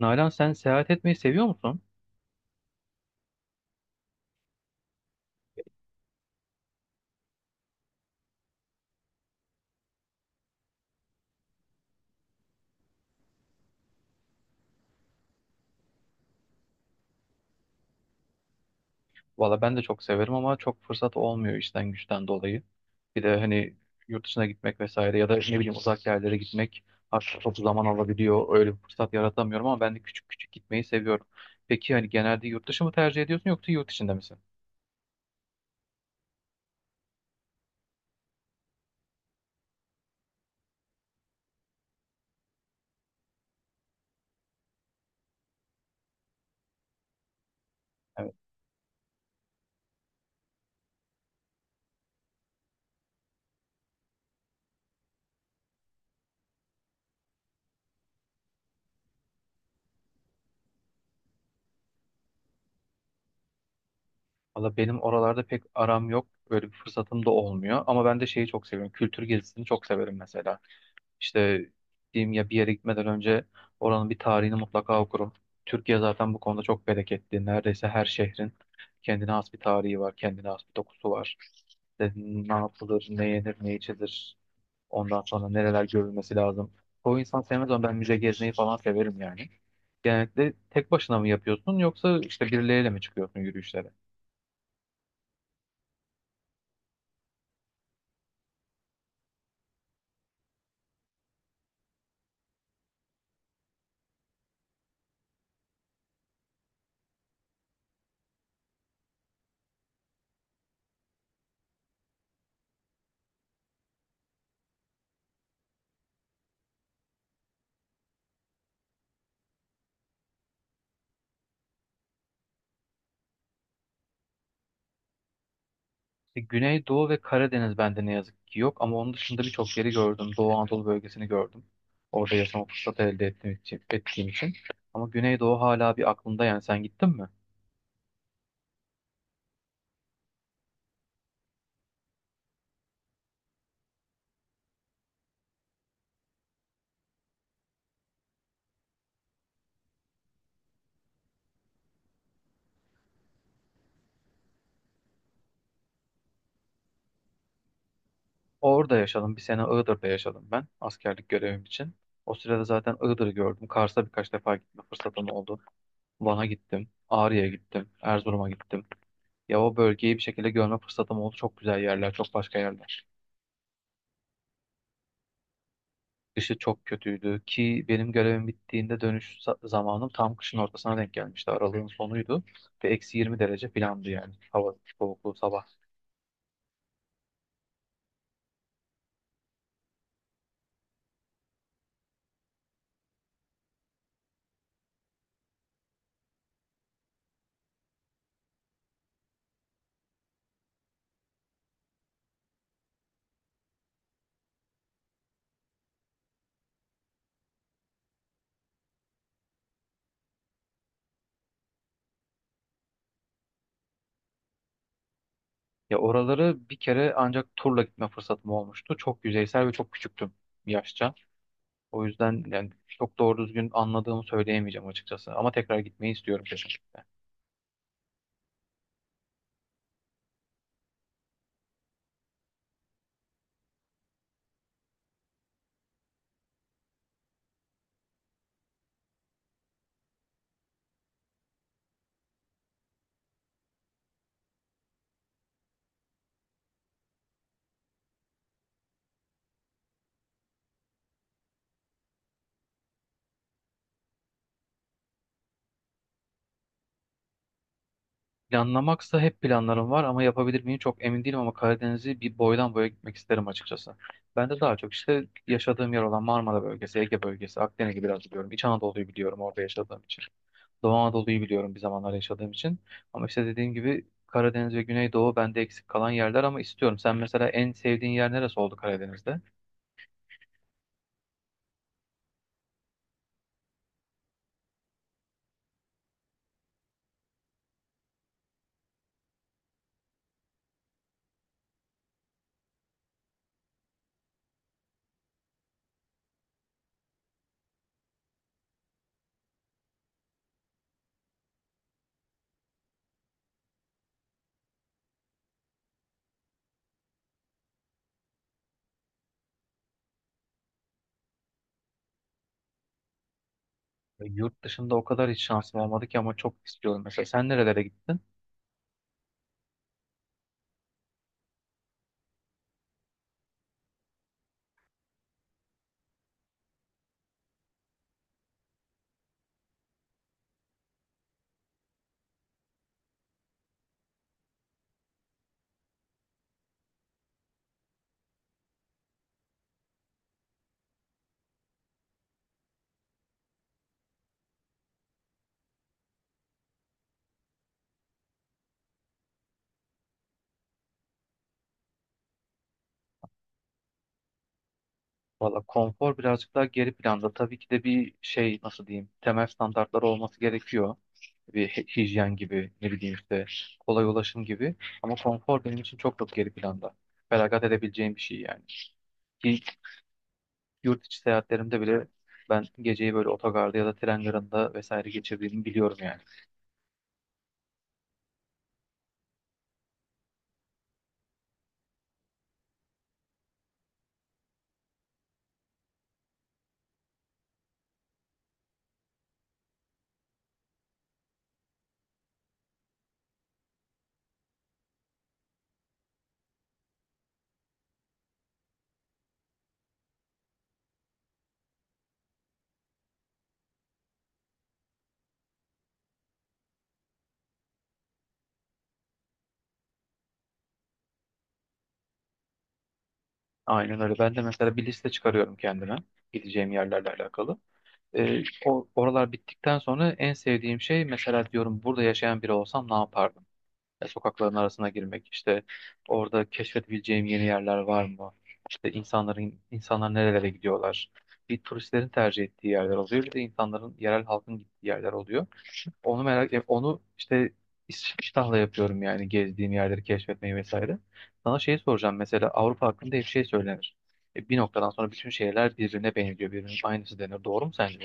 Nalan, sen seyahat etmeyi seviyor musun? Valla ben de çok severim ama çok fırsat olmuyor işten güçten dolayı. Bir de hani yurt dışına gitmek vesaire ya da ne bileyim uzak yerlere gitmek artık çok zaman alabiliyor. Öyle bir fırsat yaratamıyorum ama ben de küçük küçük gitmeyi seviyorum. Peki hani genelde yurt dışı mı tercih ediyorsun yoksa yurt içinde misin? Evet. Valla benim oralarda pek aram yok. Böyle bir fırsatım da olmuyor. Ama ben de şeyi çok seviyorum. Kültür gezisini çok severim mesela. İşte diyeyim ya, bir yere gitmeden önce oranın bir tarihini mutlaka okurum. Türkiye zaten bu konuda çok bereketli. Neredeyse her şehrin kendine has bir tarihi var, kendine has bir dokusu var. İşte ne yapılır, ne yenir, ne içilir. Ondan sonra nereler görülmesi lazım. O insan sevmez ama ben müze gezmeyi falan severim yani. Genellikle tek başına mı yapıyorsun yoksa işte birileriyle mi çıkıyorsun yürüyüşlere? Güneydoğu ve Karadeniz bende ne yazık ki yok ama onun dışında birçok yeri gördüm. Doğu Anadolu bölgesini gördüm. Orada yaşama fırsatı elde ettiğim için. Ama Güneydoğu hala bir aklımda, yani sen gittin mi? Orada yaşadım. Bir sene Iğdır'da yaşadım ben askerlik görevim için. O sırada zaten Iğdır'ı gördüm. Kars'a birkaç defa gitme fırsatım oldu. Van'a gittim. Ağrı'ya gittim. Erzurum'a gittim. Ya o bölgeyi bir şekilde görme fırsatım oldu. Çok güzel yerler, çok başka yerler. Dışı çok kötüydü ki benim görevim bittiğinde dönüş zamanım tam kışın ortasına denk gelmişti. Aralığın sonuydu ve eksi 20 derece filandı yani hava soğukluğu sabah. Ya oraları bir kere ancak turla gitme fırsatım olmuştu. Çok yüzeysel ve çok küçüktüm yaşça. O yüzden yani çok doğru düzgün anladığımı söyleyemeyeceğim açıkçası. Ama tekrar gitmeyi istiyorum kesinlikle. Planlamaksa hep planlarım var ama yapabilir miyim çok emin değilim, ama Karadeniz'i bir boydan boya gitmek isterim açıkçası. Ben de daha çok işte yaşadığım yer olan Marmara bölgesi, Ege bölgesi, Akdeniz'i biraz biliyorum. İç Anadolu'yu biliyorum orada yaşadığım için. Doğu Anadolu'yu biliyorum bir zamanlar yaşadığım için. Ama işte dediğim gibi Karadeniz ve Güneydoğu bende eksik kalan yerler ama istiyorum. Sen mesela en sevdiğin yer neresi oldu Karadeniz'de? Yurt dışında o kadar hiç şansım olmadı ki ama çok istiyorum. Mesela sen nerelere gittin? Valla konfor birazcık daha geri planda. Tabii ki de bir şey nasıl diyeyim, temel standartlar olması gerekiyor. Bir hijyen gibi, ne bileyim işte kolay ulaşım gibi. Ama konfor benim için çok çok geri planda. Feragat edebileceğim bir şey yani. İlk yurt içi seyahatlerimde bile ben geceyi böyle otogarda ya da tren garında vesaire geçirdiğimi biliyorum yani. Aynen öyle. Ben de mesela bir liste çıkarıyorum kendime gideceğim yerlerle alakalı. Oralar bittikten sonra en sevdiğim şey mesela, diyorum burada yaşayan biri olsam ne yapardım? Ya sokakların arasına girmek, işte orada keşfedebileceğim yeni yerler var mı? İşte insanlar nerelere gidiyorlar? Bir turistlerin tercih ettiği yerler oluyor, bir de insanların, yerel halkın gittiği yerler oluyor. Onu merak, onu işte iştahla yapıyorum yani, gezdiğim yerleri keşfetmeyi vesaire. Sana şey soracağım, mesela Avrupa hakkında hep şey söylenir. Bir noktadan sonra bütün şehirler birbirine benziyor, birbirinin aynısı denir. Doğru mu sence bu?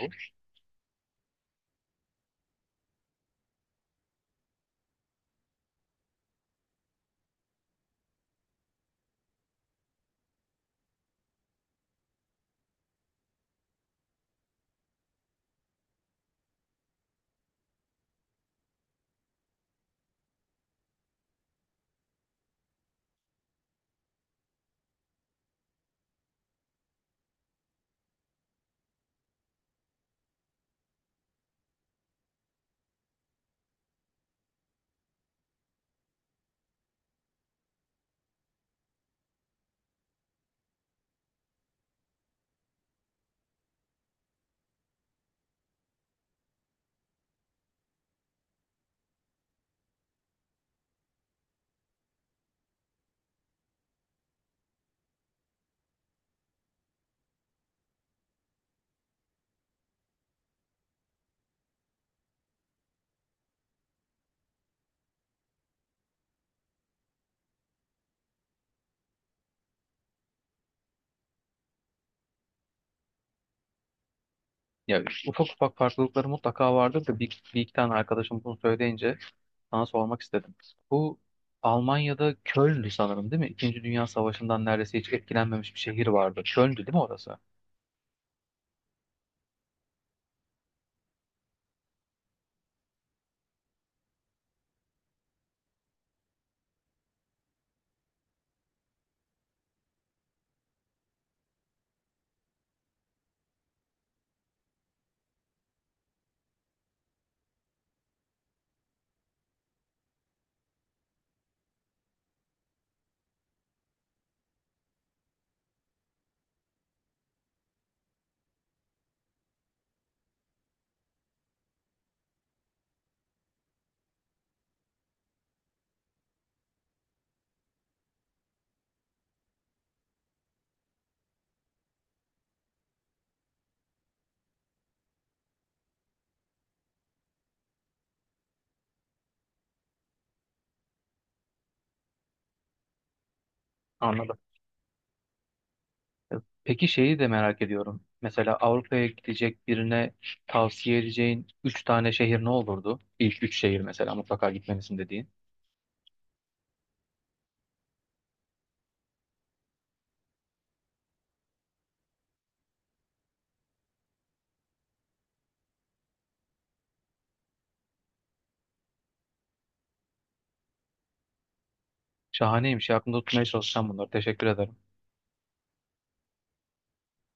Ya ufak ufak farklılıkları mutlaka vardır da bir iki tane arkadaşım bunu söyleyince sana sormak istedim. Bu Almanya'da Köln'dü sanırım, değil mi? İkinci Dünya Savaşı'ndan neredeyse hiç etkilenmemiş bir şehir vardı. Köln'dü değil mi orası? Anladım. E, Peki şeyi de merak ediyorum. Mesela Avrupa'ya gidecek birine tavsiye edeceğin üç tane şehir ne olurdu? İlk üç şehir mesela mutlaka gitmelisin dediğin. Şahaneymiş. Aklımda tutmaya çalışacağım bunları. Teşekkür ederim.